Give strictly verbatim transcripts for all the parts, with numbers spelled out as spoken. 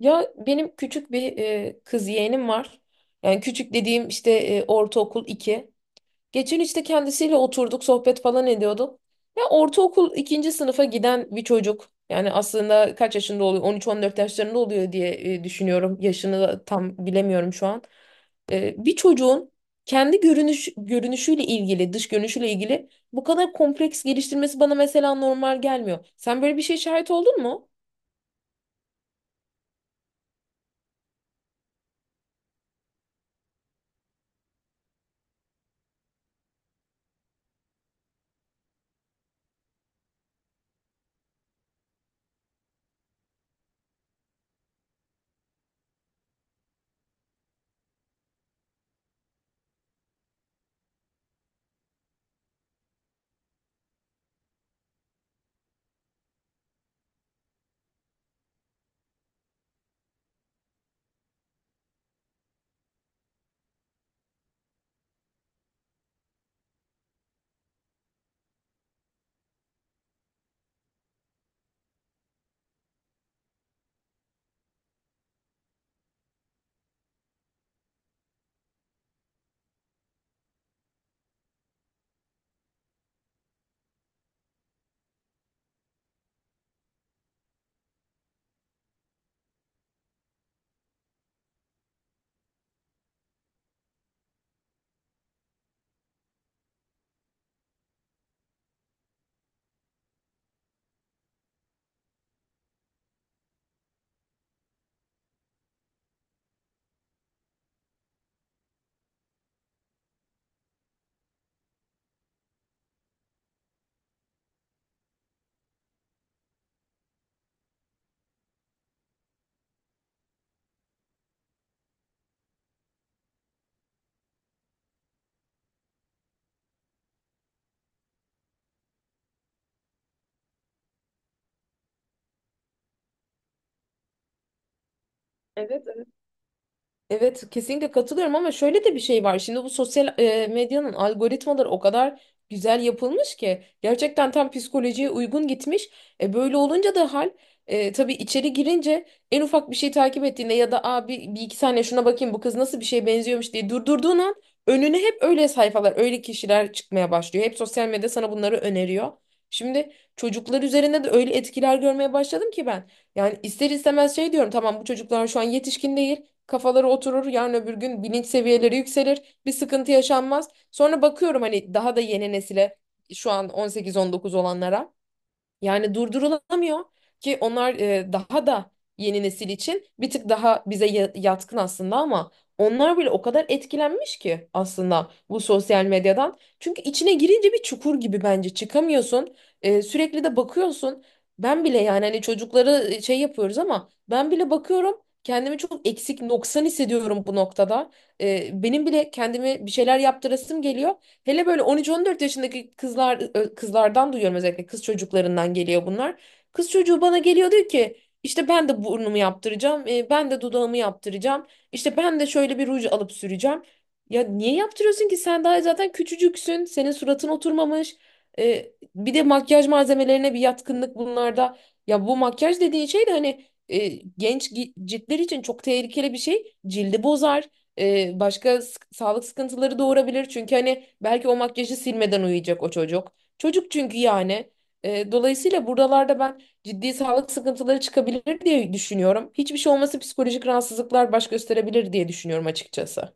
Ya benim küçük bir e, kız yeğenim var. Yani küçük dediğim işte e, ortaokul iki. Geçen işte kendisiyle oturduk, sohbet falan ediyorduk. Ya ortaokul ikinci sınıfa giden bir çocuk. Yani aslında kaç yaşında oluyor? on üç on dört yaşlarında oluyor diye e, düşünüyorum. Yaşını da tam bilemiyorum şu an. E, bir çocuğun kendi görünüş görünüşüyle ilgili, dış görünüşüyle ilgili bu kadar kompleks geliştirmesi bana mesela normal gelmiyor. Sen böyle bir şey şahit oldun mu? Evet. Evet, kesinlikle katılıyorum ama şöyle de bir şey var. Şimdi bu sosyal e, medyanın algoritmaları o kadar güzel yapılmış ki gerçekten tam psikolojiye uygun gitmiş. E, böyle olunca da hal e, tabii içeri girince en ufak bir şey takip ettiğinde ya da abi bir, bir iki saniye şuna bakayım bu kız nasıl bir şeye benziyormuş diye durdurduğun an önüne hep öyle sayfalar, öyle kişiler çıkmaya başlıyor. Hep sosyal medya sana bunları öneriyor. Şimdi çocuklar üzerinde de öyle etkiler görmeye başladım ki ben. Yani ister istemez şey diyorum, tamam, bu çocuklar şu an yetişkin değil, kafaları oturur. Yarın öbür gün bilinç seviyeleri yükselir. Bir sıkıntı yaşanmaz. Sonra bakıyorum hani daha da yeni nesile, şu an on sekiz on dokuz olanlara. Yani durdurulamıyor ki onlar e, daha da yeni nesil için bir tık daha bize ya- yatkın aslında ama onlar bile o kadar etkilenmiş ki aslında bu sosyal medyadan. Çünkü içine girince bir çukur gibi bence çıkamıyorsun. E, sürekli de bakıyorsun. Ben bile yani hani çocukları e, şey yapıyoruz ama ben bile bakıyorum kendimi çok eksik noksan hissediyorum bu noktada. E, benim bile kendimi bir şeyler yaptırasım geliyor. Hele böyle on üç on dört yaşındaki kızlar ö- kızlardan duyuyorum, özellikle kız çocuklarından geliyor bunlar. Kız çocuğu bana geliyor diyor ki işte ben de burnumu yaptıracağım, e, ben de dudağımı yaptıracağım, işte ben de şöyle bir ruj alıp süreceğim. Ya niye yaptırıyorsun ki, sen daha zaten küçücüksün, senin suratın oturmamış. E, bir de makyaj malzemelerine bir yatkınlık bunlarda. Ya bu makyaj dediğin şey de hani e, genç gi- ciltler için çok tehlikeli bir şey. Cildi bozar, e, başka sık- sağlık sıkıntıları doğurabilir. Çünkü hani belki o makyajı silmeden uyuyacak o çocuk. Çocuk çünkü yani. E, dolayısıyla buralarda ben ciddi sağlık sıkıntıları çıkabilir diye düşünüyorum. Hiçbir şey olması psikolojik rahatsızlıklar baş gösterebilir diye düşünüyorum açıkçası.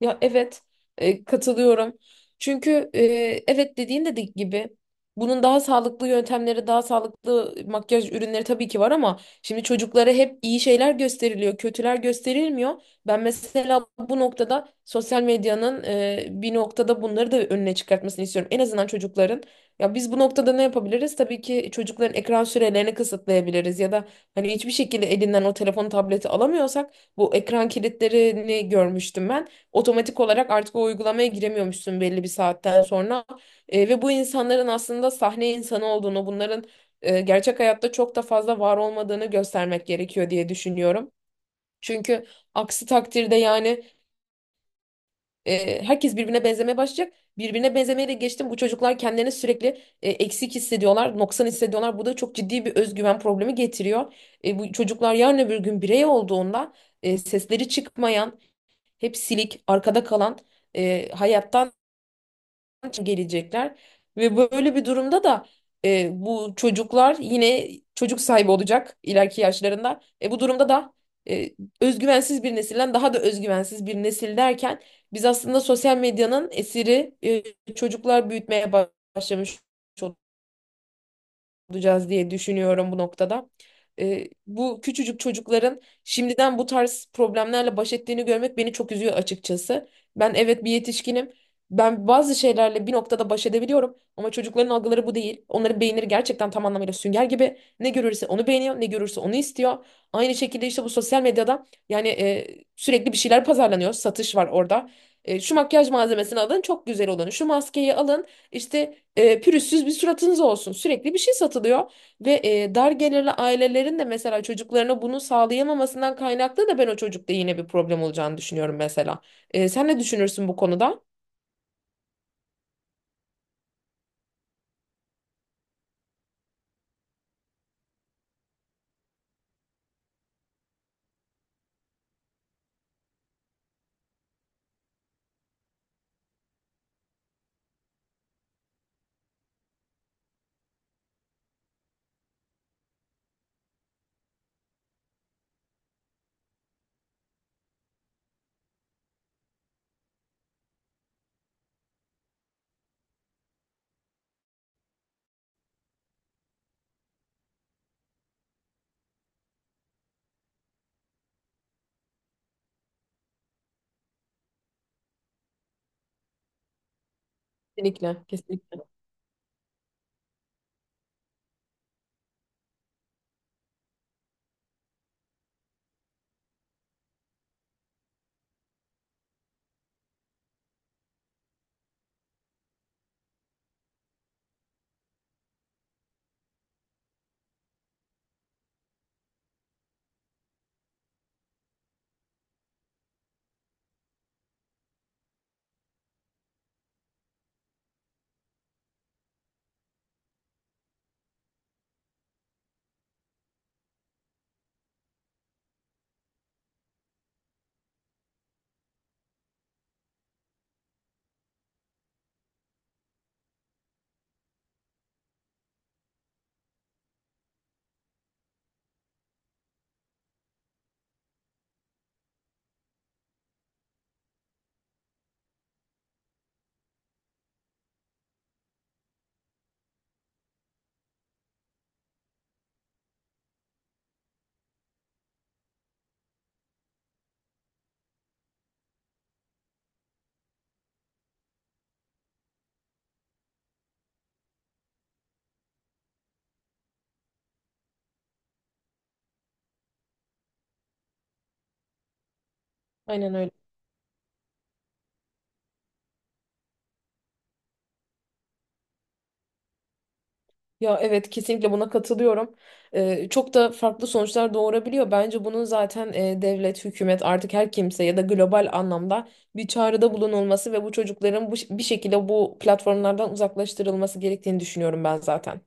Ya evet, e, katılıyorum. Çünkü e, evet dediğin de gibi bunun daha sağlıklı yöntemleri, daha sağlıklı makyaj ürünleri tabii ki var ama şimdi çocuklara hep iyi şeyler gösteriliyor, kötüler gösterilmiyor. Ben mesela bu noktada sosyal medyanın e, bir noktada bunları da önüne çıkartmasını istiyorum. En azından çocukların. Ya biz bu noktada ne yapabiliriz? Tabii ki çocukların ekran sürelerini kısıtlayabiliriz ya da hani hiçbir şekilde elinden o telefon, tableti alamıyorsak bu ekran kilitlerini görmüştüm ben, otomatik olarak artık o uygulamaya giremiyormuşsun belli bir saatten sonra. E, ve bu insanların aslında sahne insanı olduğunu, bunların e, gerçek hayatta çok da fazla var olmadığını göstermek gerekiyor diye düşünüyorum. Çünkü aksi takdirde yani e, herkes birbirine benzemeye başlayacak. Birbirine benzemeye de geçtim. Bu çocuklar kendilerini sürekli e, eksik hissediyorlar, noksan hissediyorlar. Bu da çok ciddi bir özgüven problemi getiriyor. E, bu çocuklar yarın öbür gün birey olduğunda e, sesleri çıkmayan, hep silik, arkada kalan e, hayattan için gelecekler ve böyle bir durumda da e, bu çocuklar yine çocuk sahibi olacak ileriki yaşlarında. E, bu durumda da e, özgüvensiz bir nesilden daha da özgüvensiz bir nesil derken biz aslında sosyal medyanın esiri e, çocuklar büyütmeye başlamış olacağız diye düşünüyorum bu noktada. Ee, bu küçücük çocukların şimdiden bu tarz problemlerle baş ettiğini görmek beni çok üzüyor açıkçası. Ben evet bir yetişkinim. Ben bazı şeylerle bir noktada baş edebiliyorum ama çocukların algıları bu değil. Onların beyinleri gerçekten tam anlamıyla sünger gibi. Ne görürse onu beğeniyor, ne görürse onu istiyor. Aynı şekilde işte bu sosyal medyada yani e, sürekli bir şeyler pazarlanıyor. Satış var orada. E, şu makyaj malzemesini alın, çok güzel olanı. Şu maskeyi alın. İşte e, pürüzsüz bir suratınız olsun. Sürekli bir şey satılıyor ve e, dar gelirli ailelerin de mesela çocuklarına bunu sağlayamamasından kaynaklı da ben o çocukta yine bir problem olacağını düşünüyorum mesela. E, sen ne düşünürsün bu konuda? Kesinlikle, kesinlikle. Aynen öyle. Ya evet, kesinlikle buna katılıyorum. Ee, çok da farklı sonuçlar doğurabiliyor. Bence bunun zaten e, devlet, hükümet artık her kimse ya da global anlamda bir çağrıda bulunulması ve bu çocukların bu, bir şekilde bu platformlardan uzaklaştırılması gerektiğini düşünüyorum ben zaten.